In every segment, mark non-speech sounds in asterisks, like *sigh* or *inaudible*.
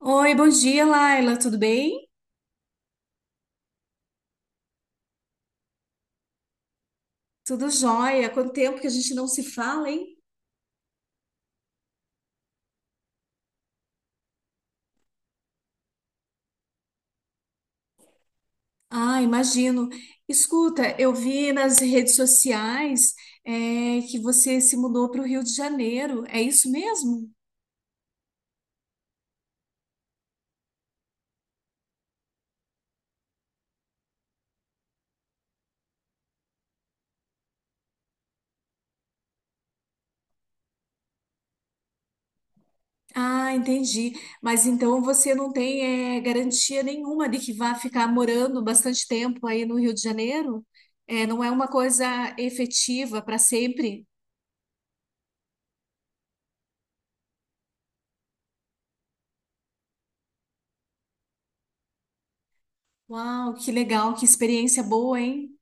Oi, bom dia, Laila. Tudo bem? Tudo jóia? Quanto tempo que a gente não se fala, hein? Ah, imagino. Escuta, eu vi nas redes sociais, que você se mudou para o Rio de Janeiro. É isso mesmo? Ah, entendi. Mas então você não tem, garantia nenhuma de que vai ficar morando bastante tempo aí no Rio de Janeiro? É, não é uma coisa efetiva para sempre? Uau, que legal, que experiência boa, hein?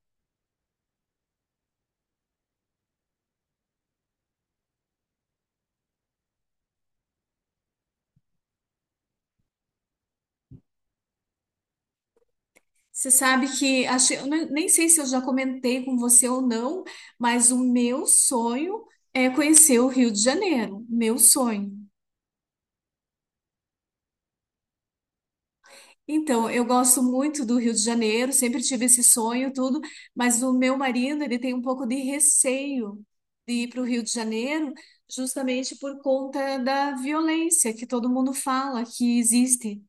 Você sabe que acho, eu nem sei se eu já comentei com você ou não, mas o meu sonho é conhecer o Rio de Janeiro, meu sonho. Então, eu gosto muito do Rio de Janeiro, sempre tive esse sonho, tudo, mas o meu marido, ele tem um pouco de receio de ir para o Rio de Janeiro, justamente por conta da violência que todo mundo fala que existe.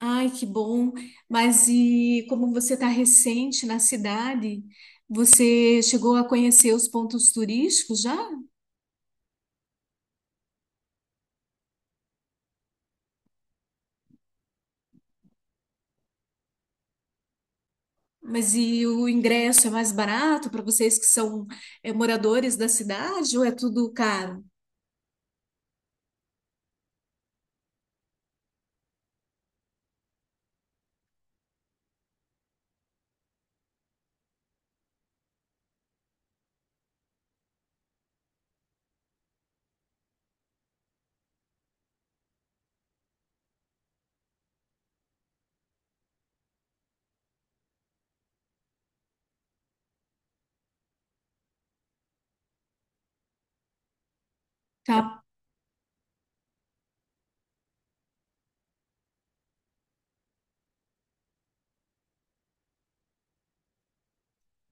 Ai, que bom. Mas e como você está recente na cidade, você chegou a conhecer os pontos turísticos já? Mas e o ingresso é mais barato para vocês que são é, moradores da cidade ou é tudo caro? Tá.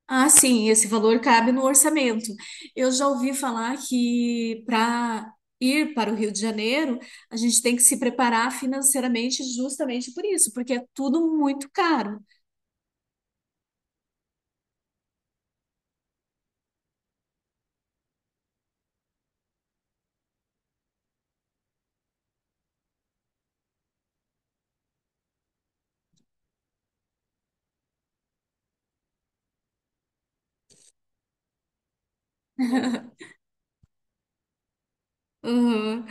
Ah, sim, esse valor cabe no orçamento. Eu já ouvi falar que para ir para o Rio de Janeiro, a gente tem que se preparar financeiramente justamente por isso, porque é tudo muito caro. Uhum.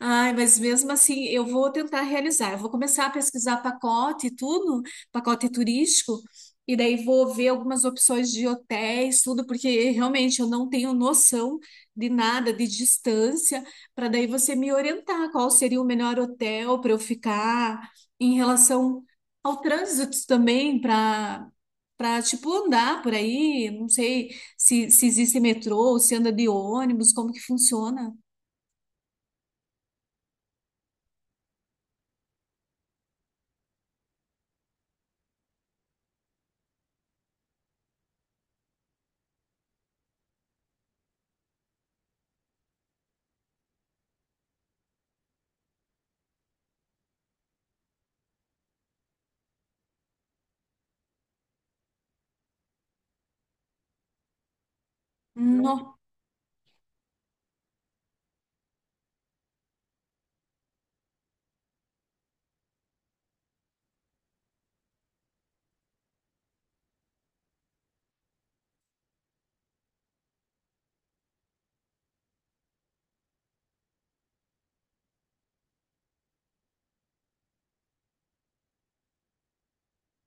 Ai, mas mesmo assim, eu vou tentar realizar. Eu vou começar a pesquisar pacote e tudo, pacote turístico, e daí vou ver algumas opções de hotéis, tudo, porque realmente eu não tenho noção de nada, de distância, para daí você me orientar qual seria o melhor hotel para eu ficar em relação ao trânsito também, para tipo andar por aí, não sei se existe metrô, se anda de ônibus, como que funciona.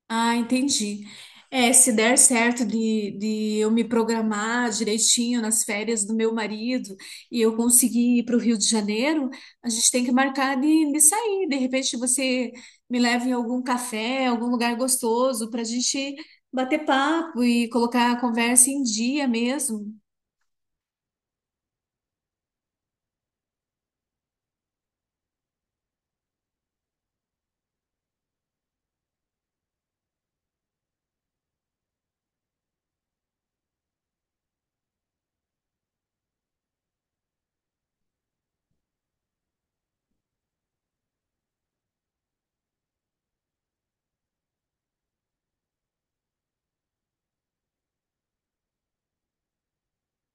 Ah, entendi. É, se der certo de eu me programar direitinho nas férias do meu marido e eu conseguir ir para o Rio de Janeiro, a gente tem que marcar de sair. De repente você me leva em algum café, algum lugar gostoso para a gente bater papo e colocar a conversa em dia mesmo.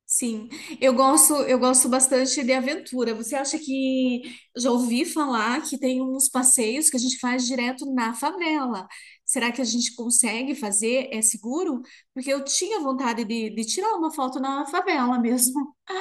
Sim, eu gosto bastante de aventura. Você acha que já ouvi falar que tem uns passeios que a gente faz direto na favela? Será que a gente consegue fazer? É seguro? Porque eu tinha vontade de tirar uma foto na favela mesmo. *laughs*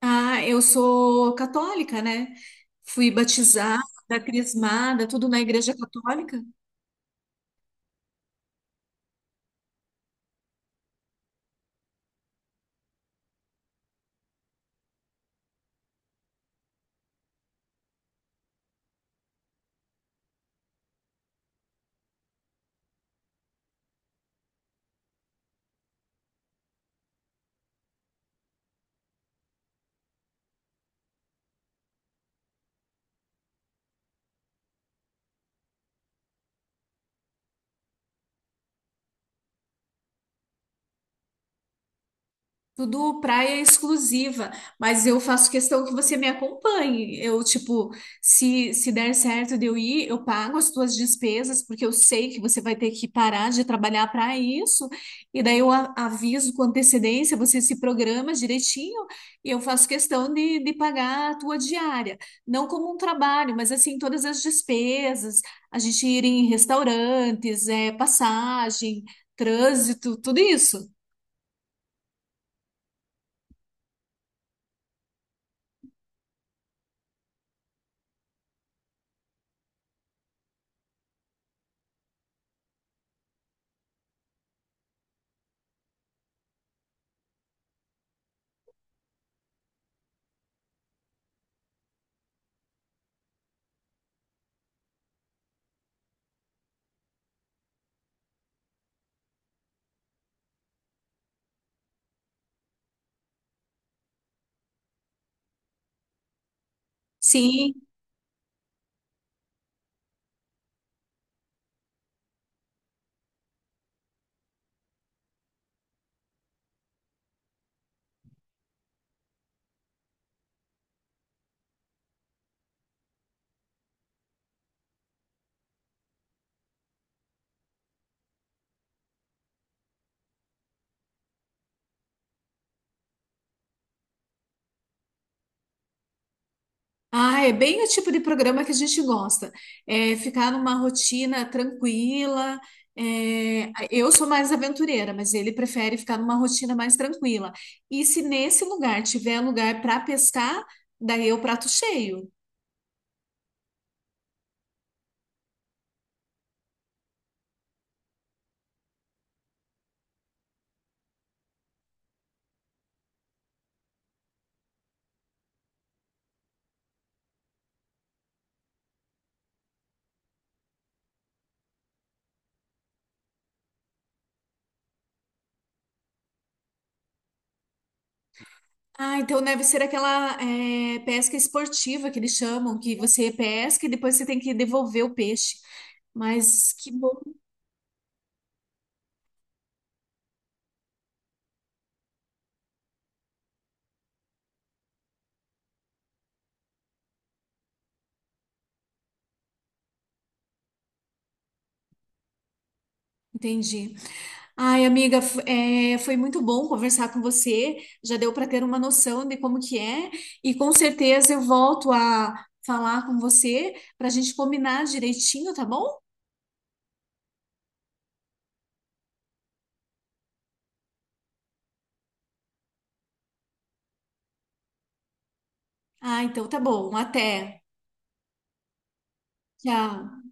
Ah, eu sou católica, né? Fui batizada, crismada, tudo na igreja católica. Tudo praia exclusiva, mas eu faço questão que você me acompanhe. Eu, tipo, se der certo de eu ir, eu pago as tuas despesas, porque eu sei que você vai ter que parar de trabalhar para isso. E daí eu aviso com antecedência, você se programa direitinho e eu faço questão de pagar a tua diária. Não como um trabalho, mas assim, todas as despesas, a gente ir em restaurantes, é, passagem, trânsito, tudo isso. Sim. Ah, é bem o tipo de programa que a gente gosta. É ficar numa rotina tranquila. É, eu sou mais aventureira, mas ele prefere ficar numa rotina mais tranquila. E se nesse lugar tiver lugar para pescar, daí é o prato cheio. Ah, então deve ser aquela é, pesca esportiva que eles chamam, que você pesca e depois você tem que devolver o peixe. Mas que bom, entendi. Ai, amiga, é, foi muito bom conversar com você. Já deu para ter uma noção de como que é, e com certeza eu volto a falar com você para a gente combinar direitinho, tá bom? Ah, então tá bom. Até. Tchau.